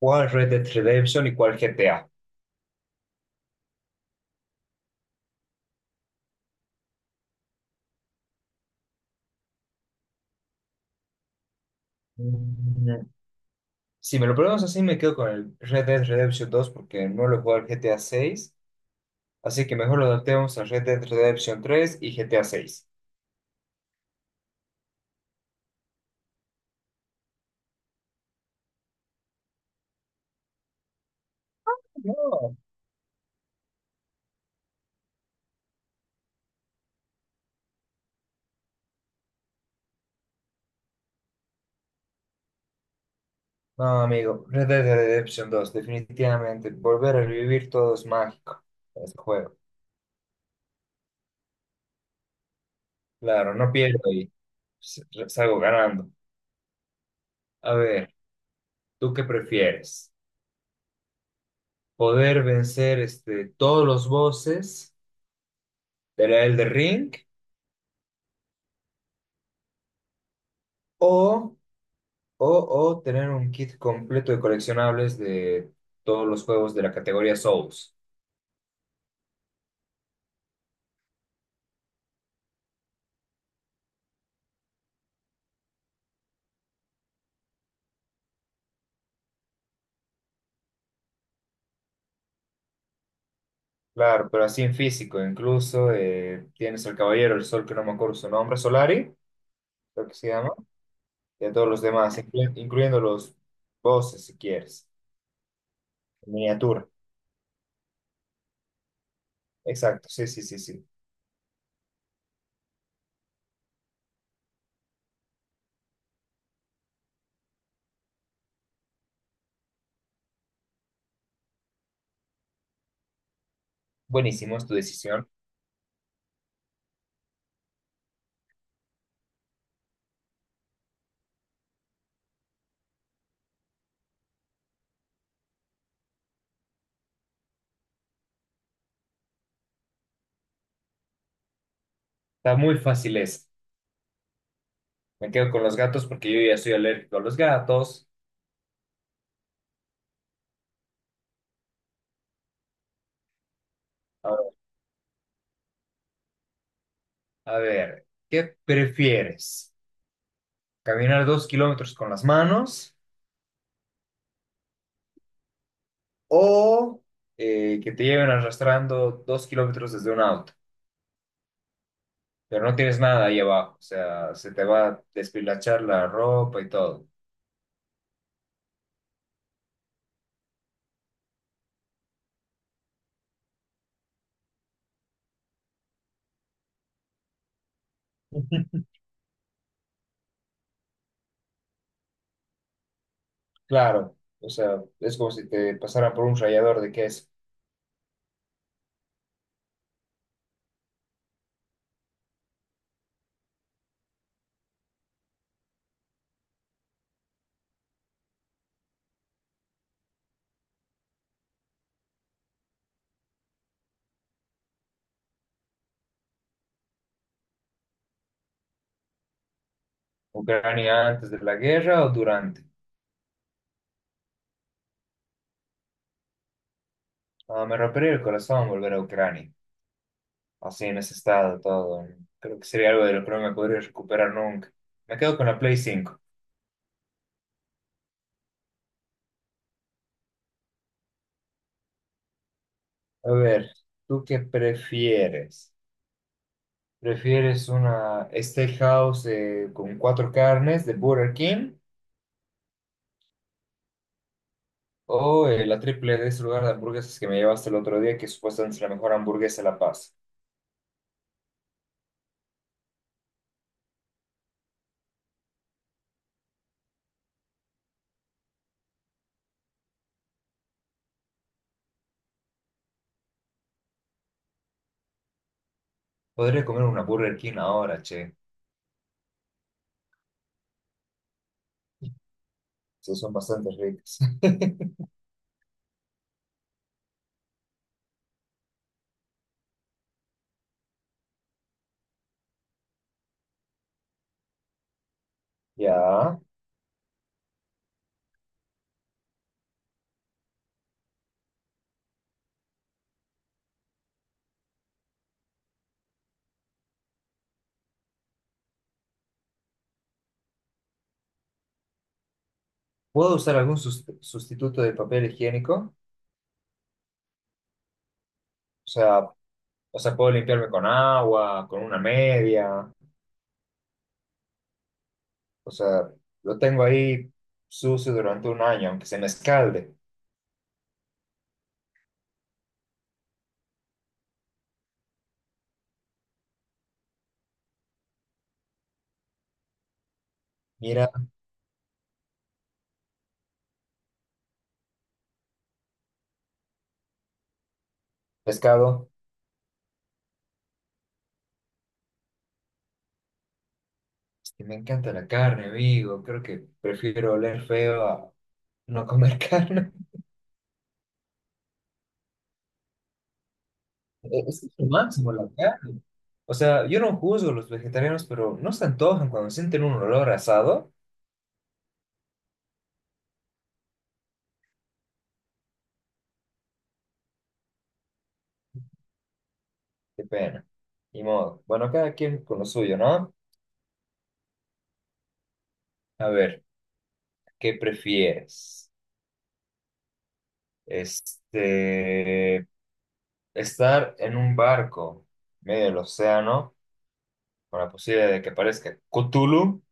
¿Cuál Red Dead Redemption y cuál GTA? Mm, Si me lo preguntas así, me quedo con el Red Dead Redemption 2 porque no lo he jugado al GTA 6. Así que mejor lo adaptemos a Red Dead Redemption 3 y GTA 6. No. No, amigo, Red Dead Redemption 2, definitivamente. Volver a vivir todo es mágico en este juego. Claro, no pierdo y s- salgo ganando. A ver, ¿tú qué prefieres? ¿Poder vencer todos los bosses del Elder Ring o O, o tener un kit completo de coleccionables de todos los juegos de la categoría Souls? Claro, pero así en físico, incluso tienes al Caballero del Sol, que no me acuerdo su nombre, Solari, creo que se llama, y a todos los demás, incluyendo los bosses, si quieres, en miniatura. Exacto, sí, sí, sí, sí. Buenísimo, es tu decisión. Está muy fácil esa. Me quedo con los gatos porque yo ya soy alérgico a los gatos. Ahora, a ver, ¿qué prefieres? ¿Caminar 2 km con las manos o que te lleven arrastrando 2 km desde un auto, pero no tienes nada ahí abajo, o sea, se te va a despilachar la ropa y todo? Claro, o sea, es como si te pasaran por un rallador de queso. ¿Ucrania antes de la guerra o durante? Ah, me rompería el corazón volver a Ucrania, así en ese estado todo, ¿no? Creo que sería algo de lo que no me podría recuperar nunca. Me quedo con la Play 5. A ver, ¿tú qué prefieres? ¿Prefieres una steakhouse con cuatro carnes de Burger King o la triple de ese lugar de hamburguesas que me llevaste el otro día, que supuestamente es la mejor hamburguesa de La Paz? Podría comer una Burger King ahora, che. Sí, son bastante ricas. Ya. ¿Puedo usar algún sustituto de papel higiénico? O sea, o sea, puedo limpiarme con agua, con una media. O sea, lo tengo ahí sucio durante un año, aunque se me escalde. Mira, pescado. Sí, me encanta la carne, amigo. Creo que prefiero oler feo a no comer carne. Es lo máximo la carne. O sea, yo no juzgo a los vegetarianos, pero no se antojan cuando sienten un olor a asado. Qué pena. Ni modo. Bueno, cada quien con lo suyo, ¿no? A ver, ¿qué prefieres? Este, ¿Estar en un barco medio del océano con la posibilidad de que aparezca Cthulhu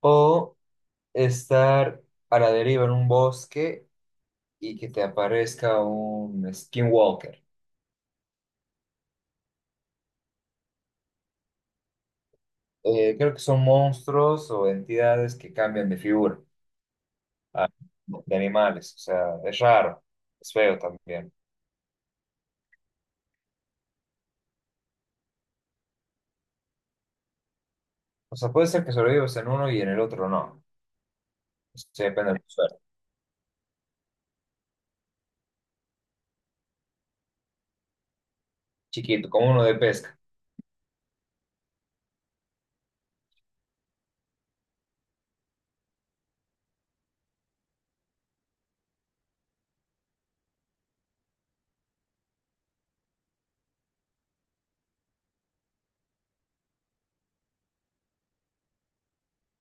o estar a la deriva en un bosque y que te aparezca un Skinwalker? Creo que son monstruos o entidades que cambian de figura, ah, de animales. O sea, es raro, es feo también. O sea, puede ser que sobrevivas en uno y en el otro no. Eso sí depende del suelo. Chiquito, como uno de pesca.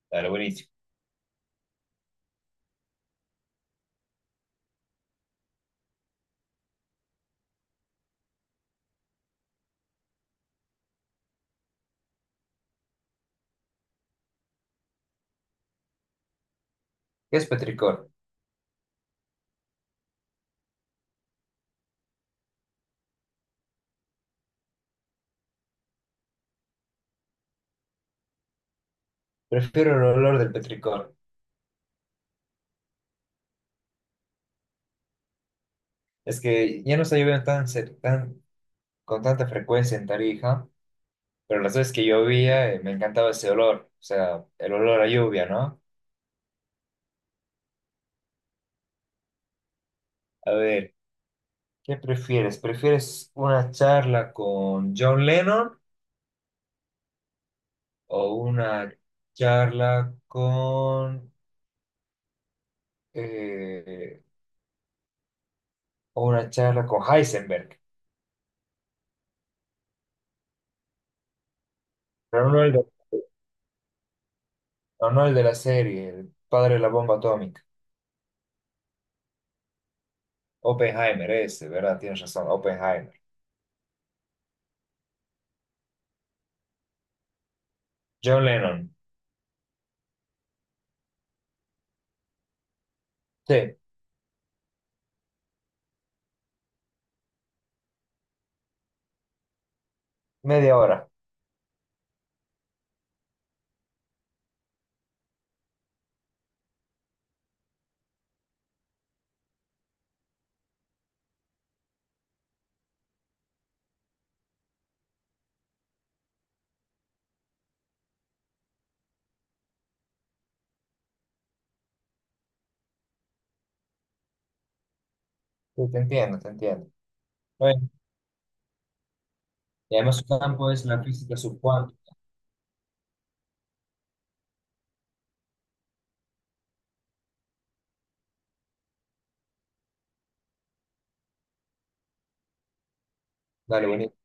Dale, buenísimo. ¿Qué es petricor? Prefiero el olor del petricor. Es que ya no está lloviendo tan con tanta frecuencia en Tarija, pero las veces que llovía, me encantaba ese olor. O sea, el olor a lluvia, ¿no? A ver, ¿qué prefieres? ¿Prefieres una charla con John Lennon o una charla con eh, o una charla con Heisenberg? Pero no el de la serie, el padre de la bomba atómica. Oppenheimer, ese, ¿verdad? Tienes razón, Oppenheimer. John Lennon. Sí, media hora. Sí, te entiendo, te entiendo. Bueno, y además su campo es la física subcuántica. Dale, bonito.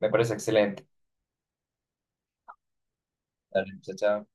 Me parece excelente. Dale, chao, chao.